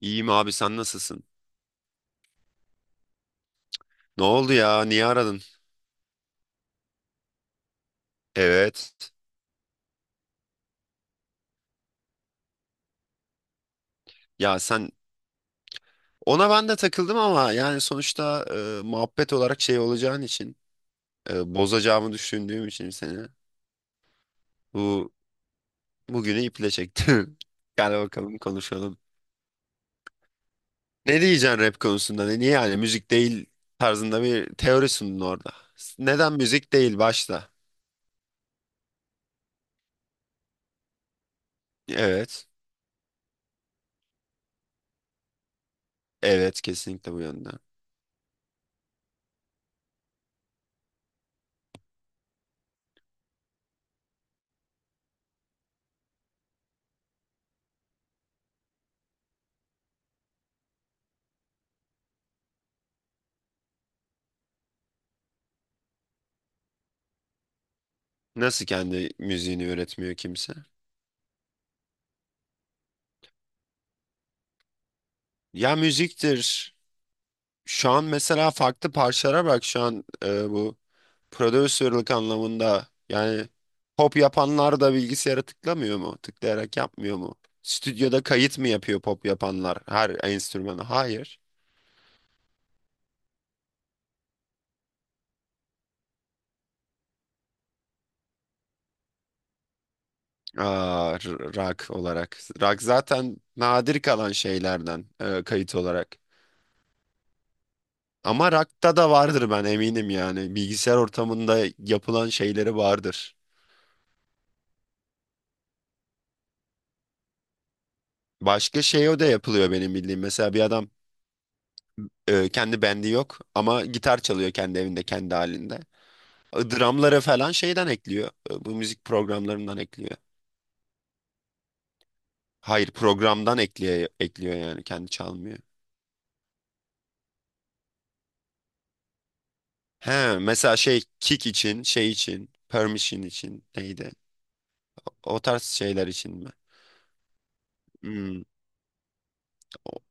İyiyim abi sen nasılsın? Ne oldu ya? Niye aradın? Evet. Ya sen ona ben de takıldım ama yani sonuçta muhabbet olarak şey olacağın için bozacağımı düşündüğüm için seni bu bugünü iple çektim. Gel bakalım konuşalım. Ne diyeceksin rap konusunda? Niye yani müzik değil tarzında bir teori sundun orada. Neden müzik değil başta? Evet. Evet, kesinlikle bu yönde. Nasıl kendi müziğini üretmiyor kimse? Ya müziktir. Şu an mesela farklı parçalara bak şu an bu prodüserlik anlamında yani pop yapanlar da bilgisayara tıklamıyor mu? Tıklayarak yapmıyor mu? Stüdyoda kayıt mı yapıyor pop yapanlar her enstrümanı? Hayır. Aa, rock olarak. Rock zaten nadir kalan şeylerden kayıt olarak. Ama rock'ta da vardır ben eminim yani. Bilgisayar ortamında yapılan şeyleri vardır. Başka şey o da yapılıyor benim bildiğim. Mesela bir adam kendi bendi yok ama gitar çalıyor kendi evinde kendi halinde. Dramları falan şeyden ekliyor. Bu müzik programlarından ekliyor. Hayır, programdan ekliyor, ekliyor yani kendi çalmıyor. He mesela şey kick için şey için permission için neydi? O tarz şeyler için mi? Hmm, o-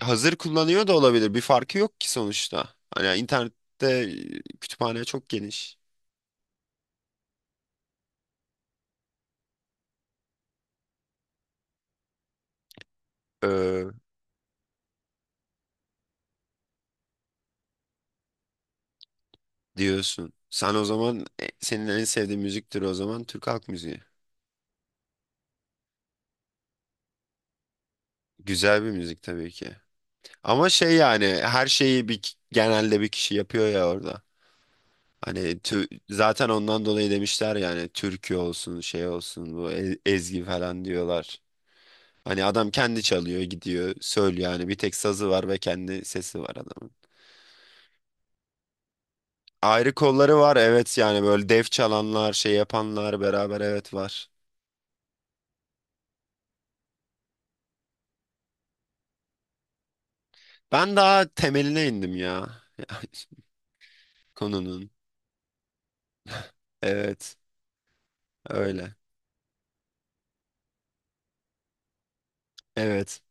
Hazır kullanıyor da olabilir. Bir farkı yok ki sonuçta. Hani internette kütüphane çok geniş. Ee, diyorsun. Sen o zaman senin en sevdiğin müziktir o zaman Türk halk müziği. Güzel bir müzik tabii ki. Ama şey yani her şeyi genelde bir kişi yapıyor ya orada. Hani zaten ondan dolayı demişler yani türkü olsun şey olsun bu ezgi falan diyorlar. Hani adam kendi çalıyor gidiyor söylüyor yani bir tek sazı var ve kendi sesi var adamın. Ayrı kolları var, evet, yani böyle dev çalanlar şey yapanlar beraber evet var. Ben daha temeline indim ya konunun. Evet, öyle evet.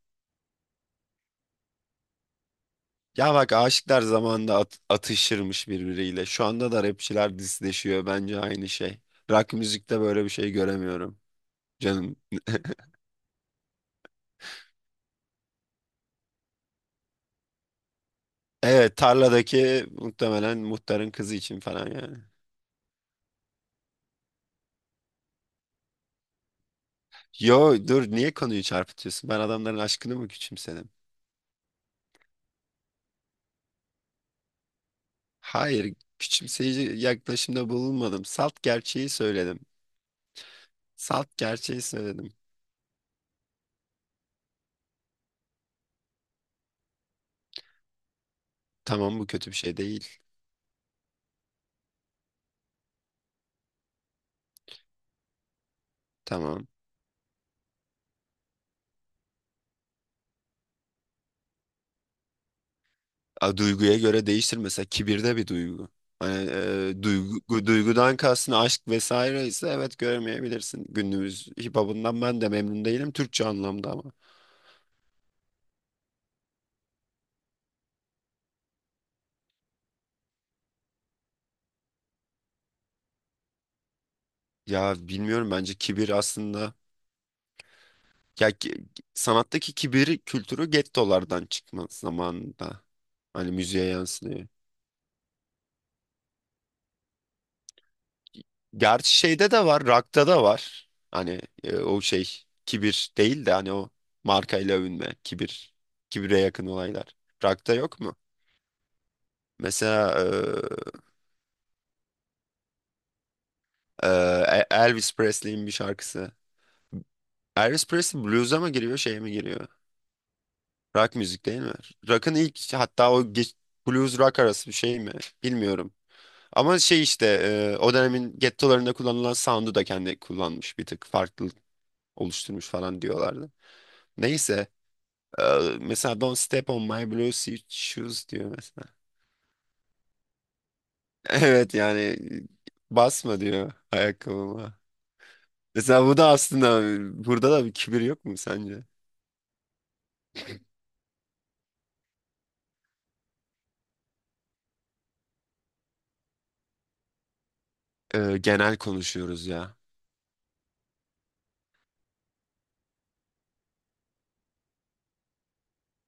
Ya bak aşıklar zamanında atışırmış birbiriyle. Şu anda da rapçiler disleşiyor. Bence aynı şey. Rock müzikte böyle bir şey göremiyorum. Canım. Evet, tarladaki muhtemelen muhtarın kızı için falan yani. Yo dur, niye konuyu çarpıtıyorsun? Ben adamların aşkını mı küçümsedim? Hayır, küçümseyici yaklaşımda bulunmadım. Salt gerçeği söyledim. Salt gerçeği söyledim. Tamam, bu kötü bir şey değil. Tamam. A, duyguya göre değişir, mesela kibir de bir duygu. Hani duygudan kastın aşk vesaire ise evet göremeyebilirsin. Günümüz hip hop'undan ben de memnun değilim Türkçe anlamda ama. Ya bilmiyorum, bence kibir aslında ya ki- sanattaki kibir kültürü gettolardan çıkma zamanında. Hani müziğe yansıyor. Gerçi şeyde de var, rock'ta da var. Hani o şey kibir değil de hani o markayla övünme, kibire yakın olaylar. Rock'ta yok mu? Mesela e, Elvis Presley'in bir şarkısı. Elvis Presley blues'a mı giriyor, şeye mi giriyor? Rock müzik değil mi? Rock'ın ilk hatta o geç, blues rock arası bir şey mi? Bilmiyorum. Ama şey işte o dönemin gettolarında kullanılan sound'u da kendi kullanmış bir tık farklı oluşturmuş falan diyorlardı. Neyse e, mesela Don't Step on My Blue Shoes diyor mesela. Evet yani basma diyor ayakkabıma. Mesela bu da aslında burada da bir kibir yok mu sence? Genel konuşuyoruz ya.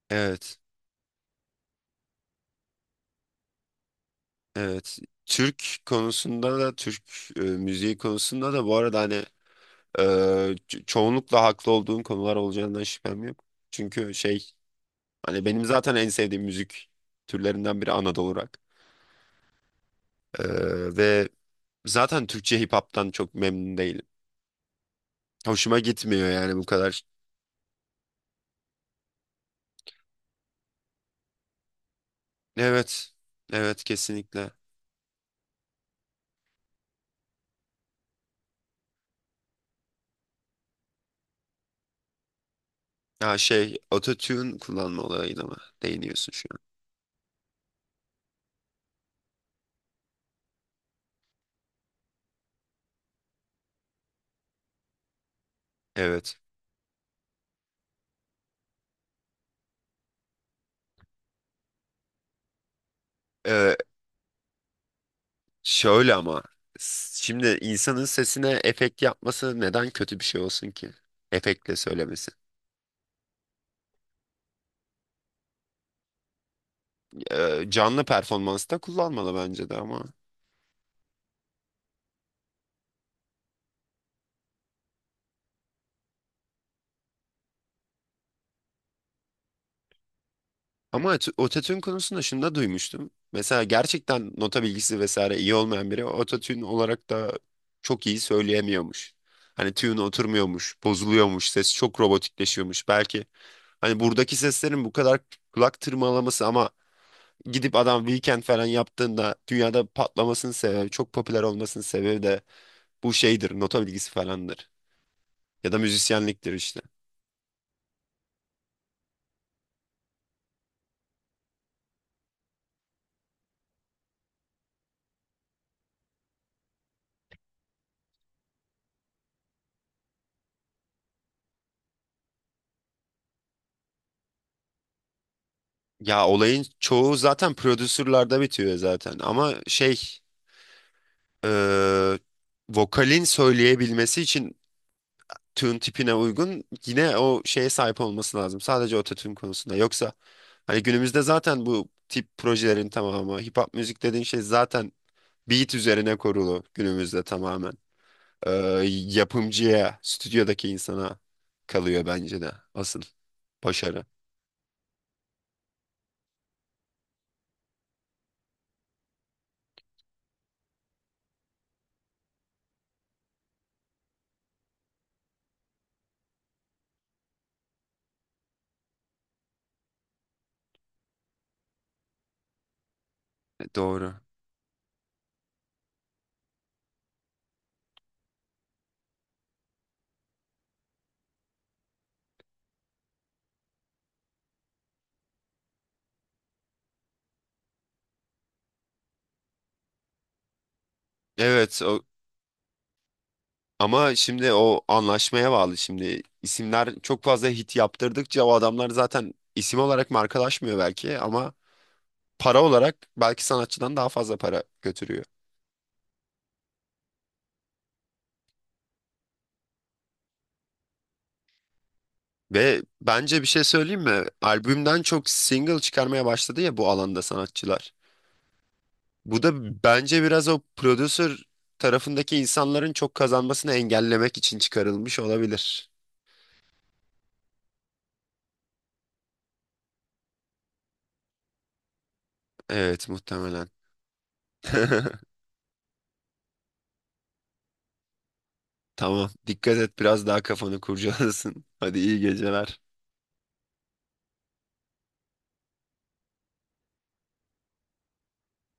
Evet, evet. Türk konusunda da Türk müziği konusunda da bu arada hani e, çoğunlukla haklı olduğum konular olacağından şüphem yok. Çünkü şey hani benim zaten en sevdiğim müzik türlerinden biri Anadolu rock. Ve zaten Türkçe hip hop'tan çok memnun değilim. Hoşuma gitmiyor yani bu kadar. Evet, evet kesinlikle. Ya şey ototune kullanma olayına mı değiniyorsun şu an? Evet. Şöyle ama şimdi insanın sesine efekt yapması neden kötü bir şey olsun ki? Efektle söylemesi. Canlı performansta kullanmalı bence de ama. Ama ototune konusunda şunu da duymuştum. Mesela gerçekten nota bilgisi vesaire iyi olmayan biri ototune olarak da çok iyi söyleyemiyormuş. Hani tune oturmuyormuş, bozuluyormuş, ses çok robotikleşiyormuş. Belki hani buradaki seslerin bu kadar kulak tırmalaması ama gidip adam weekend falan yaptığında dünyada patlamasının sebebi, çok popüler olmasının sebebi de bu şeydir, nota bilgisi falandır. Ya da müzisyenliktir işte. Ya olayın çoğu zaten prodüsürlerde bitiyor zaten. Ama şey, eee, vokalin söyleyebilmesi için tune tipine uygun yine o şeye sahip olması lazım. Sadece ototune konusunda. Yoksa hani günümüzde zaten bu tip projelerin tamamı, hip hop müzik dediğin şey zaten beat üzerine kurulu günümüzde tamamen. e, Yapımcıya, stüdyodaki insana kalıyor bence de asıl başarı. E, doğru. Evet o, ama şimdi o anlaşmaya bağlı şimdi. İsimler çok fazla hit yaptırdıkça o adamlar zaten isim olarak markalaşmıyor belki ama para olarak belki sanatçıdan daha fazla para götürüyor. Ve bence bir şey söyleyeyim mi? Albümden çok single çıkarmaya başladı ya bu alanda sanatçılar. Bu da bence biraz o prodüser tarafındaki insanların çok kazanmasını engellemek için çıkarılmış olabilir. Evet, muhtemelen. Tamam. Dikkat et biraz daha kafanı kurcalasın. Hadi iyi geceler.